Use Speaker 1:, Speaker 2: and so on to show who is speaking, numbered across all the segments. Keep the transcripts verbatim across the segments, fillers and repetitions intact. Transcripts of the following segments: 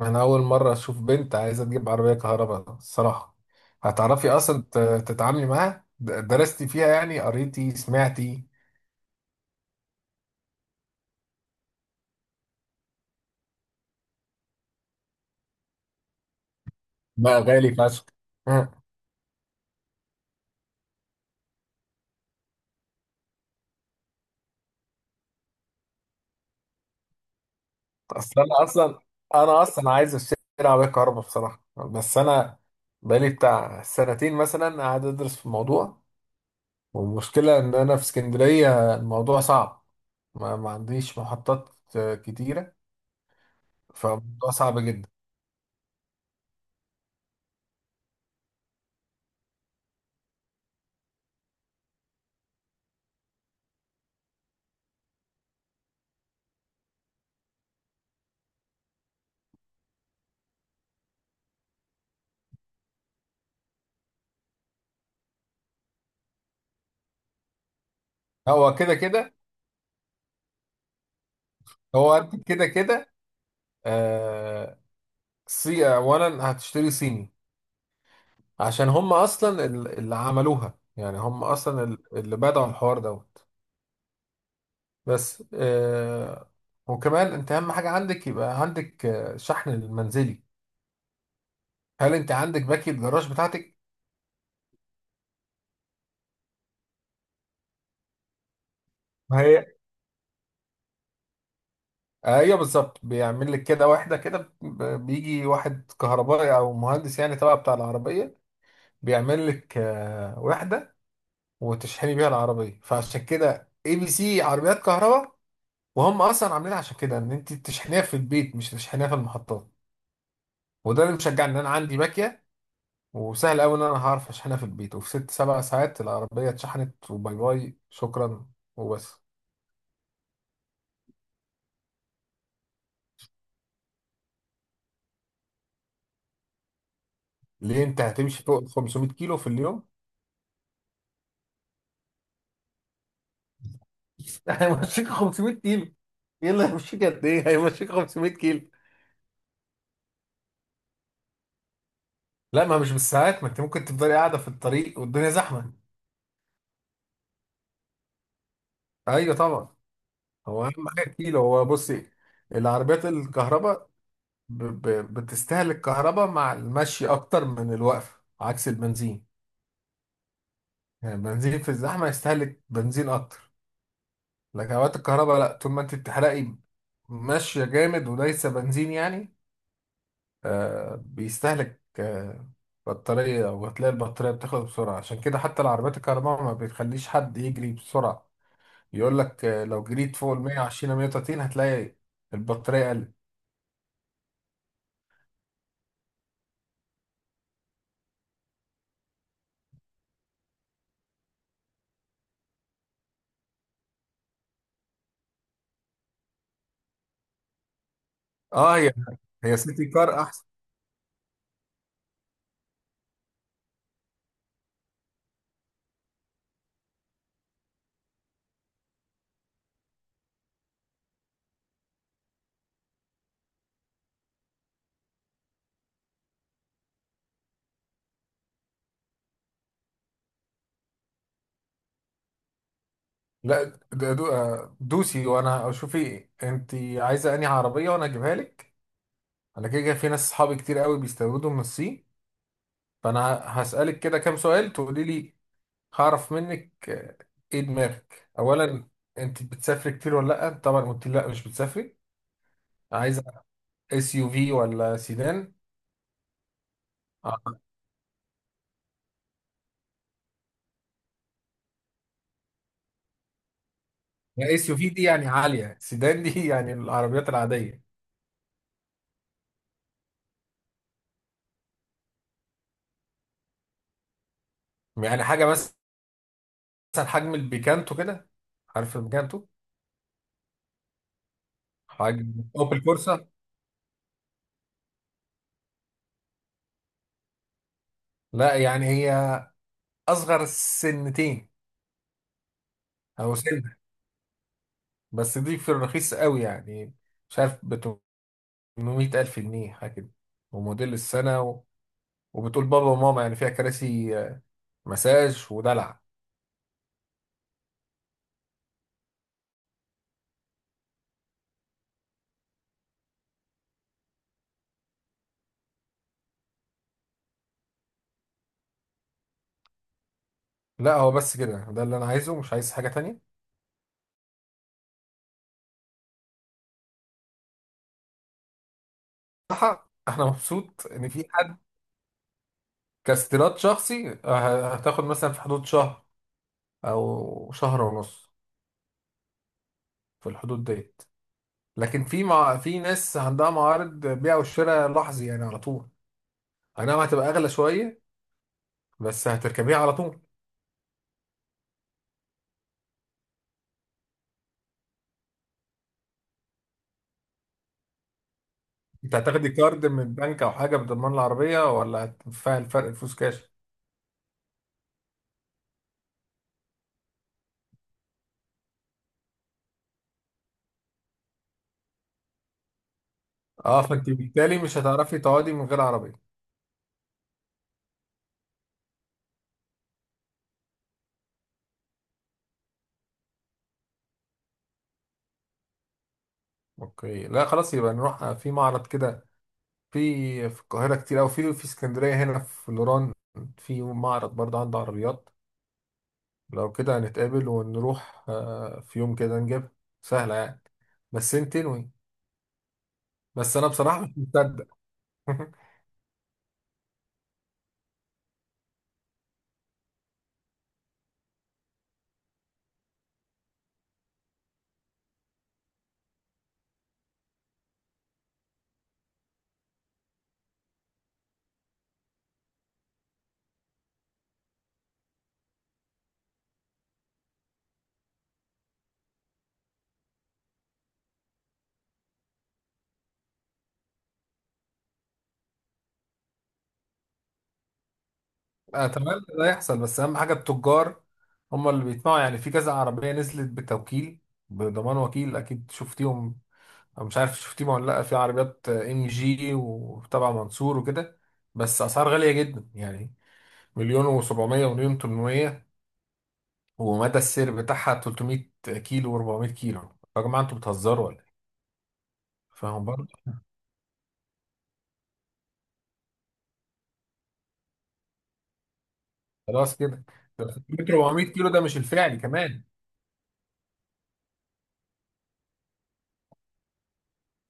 Speaker 1: انا اول مره اشوف بنت عايزه تجيب عربيه كهرباء الصراحه. هتعرفي اصلا ت- تتعاملي معاها، د- درستي فيها يعني، قريتي سمعتي؟ بقى غالي فشخ. أه. اصل انا اصلا انا اصلا عايز اشتري عربيه كهرباء بصراحه، بس انا بقالي بتاع سنتين مثلا قاعد ادرس في الموضوع. والمشكله ان انا في اسكندريه الموضوع صعب. ما, ما عنديش محطات. آه، كتيره. فالموضوع صعب جدا. هو كده كده. هو انت كده كده، آه، سي اولا هتشتري صيني، عشان هم اصلا ال- اللي عملوها، يعني هم اصلا ال- اللي بدأوا الحوار دوت. بس آه وكمان انت اهم حاجه عندك يبقى عندك آه، شحن المنزلي. هل انت عندك باكي الجراج بتاعتك؟ ما هي ايوه بالظبط، بيعمل لك كده واحده كده، ب- بيجي واحد كهربائي او مهندس يعني تبع بتاع العربيه، بيعمل لك آه، واحده وتشحني بيها العربيه. فعشان كده اي بي سي عربيات كهرباء، وهم اصلا عاملينها عشان كده ان انت تشحنيها في البيت مش تشحنيها في المحطات. وده اللي مشجعني ان انا عندي باكيه، وسهل قوي ان انا هعرف اشحنها في البيت، وفي ست سبع ساعات العربيه اتشحنت وباي باي شكرا وبس. ليه، انت هتمشي فوق ال خمسمية كيلو في اليوم؟ هيمشيك خمسمية كيلو. ايه اللي هيمشيك؟ قد ايه هيمشيك؟ خمسمية كيلو. لا، ما مش بالساعات. ما انت ممكن تفضلي قاعده في الطريق والدنيا زحمه. ايوه طبعا. هو اهم حاجه الكيلو. هو بصي، العربيات الكهرباء ب... ب... بتستهلك كهرباء مع المشي اكتر من الوقفه عكس البنزين. يعني البنزين في الزحمه يستهلك بنزين اكتر. لكن اوقات الكهرباء لا، طول ما انت بتحرقي ماشيه جامد وليس بنزين يعني، آه بيستهلك آه بطاريه، وهتلاقي البطاريه بتخلص بسرعه. عشان كده حتى العربيات الكهرباء ما بتخليش حد يجري بسرعه، يقول لك آه لو جريت فوق ال مية وعشرين أو مية وتلاتين هتلاقي البطاريه قلت. اه، هي هي سيتي كار. لا، ده دو آه، دوسي. وانا شوفي انت عايزه انهي عربيه وانا اجيبها لك. انا كده كده في ناس صحابي كتير قوي بيستوردوا من الصين. فانا هسالك كده كام سؤال تقولي لي هعرف منك آه، ايه دماغك اولا؟ انت بتسافري كتير ولا لا؟ طبعا قلت لي لا مش بتسافري. عايزه اس يو في ولا سيدان؟ آه، اس يو في دي يعني عاليه، سيدان دي يعني العربيات العاديه. يعني حاجه مثلا حجم البيكانتو كده، عارف البيكانتو؟ حجم اوبل كورسا. لا يعني هي اصغر سنتين او سنه. بس دي في الرخيص قوي يعني، مش عارف ب تمنمية الف جنيه حاجه كده، وموديل السنه و... وبتقول بابا وماما، يعني فيها كراسي آه، مساج ودلع. لا، هو بس كده ده اللي انا عايزه، مش عايز حاجه تانية. صح، انا مبسوط ان في حد كاستيراد شخصي. آه، هتاخد مثلا في حدود شهر او شهر ونص، في الحدود ديت. لكن في مع... في ناس عندها معارض بيع وشراء لحظي يعني على طول. انا هتبقى اغلى شويه بس هتركبيها على طول. انت هتاخدي كارد من البنك او حاجه بضمان العربيه، ولا هتدفعي الفرق الفلوس كاش؟ اه، فانت بالتالي مش هتعرفي تقعدي من غير عربيه. اوكي، لا خلاص، يبقى نروح في معرض كده. في في القاهره كتير، او في في اسكندريه هنا في الوران في معرض برضه عنده عربيات. لو كده هنتقابل ونروح آه، في يوم كده نجيبها. سهله يعني، بس انت تنوي. بس انا بصراحه مش مصدق. اتمنى ده يحصل، بس اهم حاجه التجار هم اللي بيطمعوا، يعني في كذا عربيه نزلت بتوكيل بضمان وكيل، اكيد شفتيهم، أو مش عارف شفتيهم ولا لا؟ في عربيات ام جي وتبع منصور وكده، بس اسعار غاليه جدا يعني، مليون و700 ومليون تمنمية، ومدى السير بتاعها تلتمية كيلو و400 كيلو. يا جماعه انتوا بتهزروا ولا إيه؟ فاهم برضه. خلاص كده. ده تلتمية اربعمية كيلو ده مش الفعلي كمان.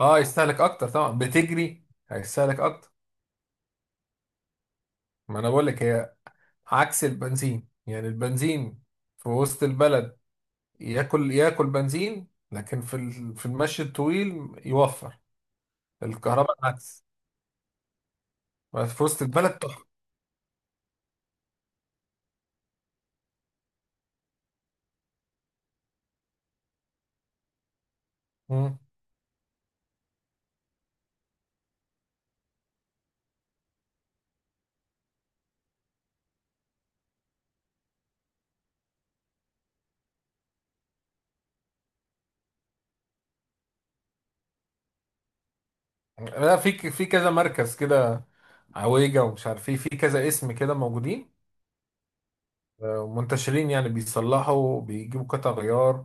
Speaker 1: اه، يستهلك اكتر طبعا، بتجري هيستهلك اكتر. ما انا بقول لك، هي عكس البنزين. يعني البنزين في وسط البلد ياكل ياكل بنزين، لكن في ال- في المشي الطويل يوفر. الكهرباء العكس، بس في وسط البلد تحفة. مم. لا، في ك- في كذا مركز كده، عويجة ومش عارف ايه، في كذا اسم كده موجودين، آه، منتشرين يعني، بيصلحوا بيجيبوا قطع غيار،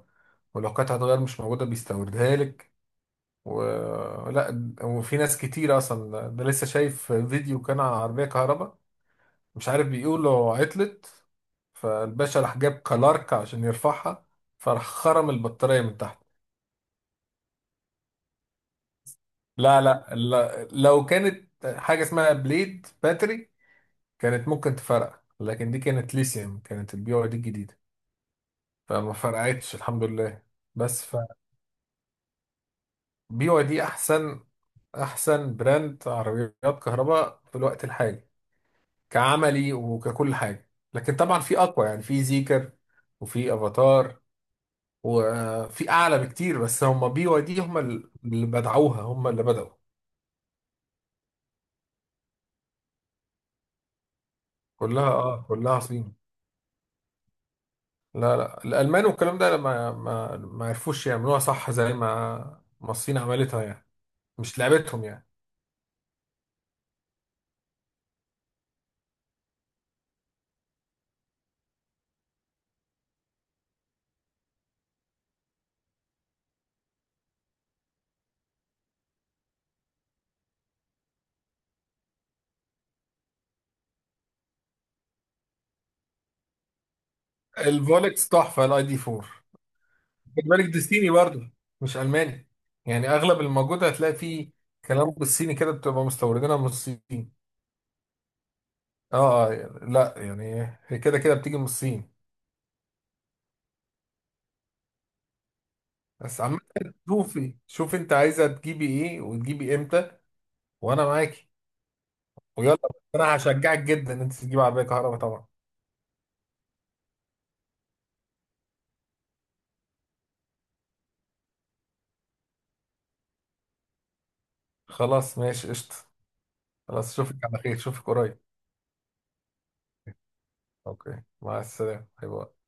Speaker 1: ولو قطعة غيار مش موجودة بيستوردها لك. ولا وفي ناس كتير اصلا. ده لسه شايف فيديو كان على عربية كهرباء، مش عارف، بيقولوا عطلت، فالباشا راح جاب كلارك عشان يرفعها، فراح خرم البطارية من تحت. لا، لا، لا- لو كانت حاجة اسمها بليد باتري كانت ممكن تفرقع، لكن دي كانت ليثيوم، كانت البي واي دي الجديدة، فما فرقعتش الحمد لله. بس فبي واي دي أحسن، أحسن براند عربيات كهرباء في الوقت الحالي كعملي وككل حاجة. لكن طبعا في أقوى، يعني في زيكر وفي افاتار وفي اعلى بكتير، بس هم بي واي دي هم اللي بدعوها هم اللي بدأوا. كلها اه كلها صين. لا لا، الالمان والكلام ده ما ما ما عرفوش يعملوها صح، زي ما ما الصين عملتها يعني، مش لعبتهم يعني. الفولكس تحفه، الاي دي فور. خد بالك دي صيني برضه مش الماني. يعني اغلب الموجود هتلاقي فيه كلام بالصيني كده، بتبقى مستوردينها من الصين. اه اه يعني- لا يعني هي كده كده بتيجي من الصين. بس عامة، شوفي شوفي انت عايزة تجيبي ايه وتجيبي امتى وانا معاكي. ويلا، انا هشجعك جدا ان انت تجيبي عربية كهرباء طبعا. خلاص ماشي قشطة. خلاص اشوفك على خير، اشوفك قريب. اوكي، مع السلامة، باي باي.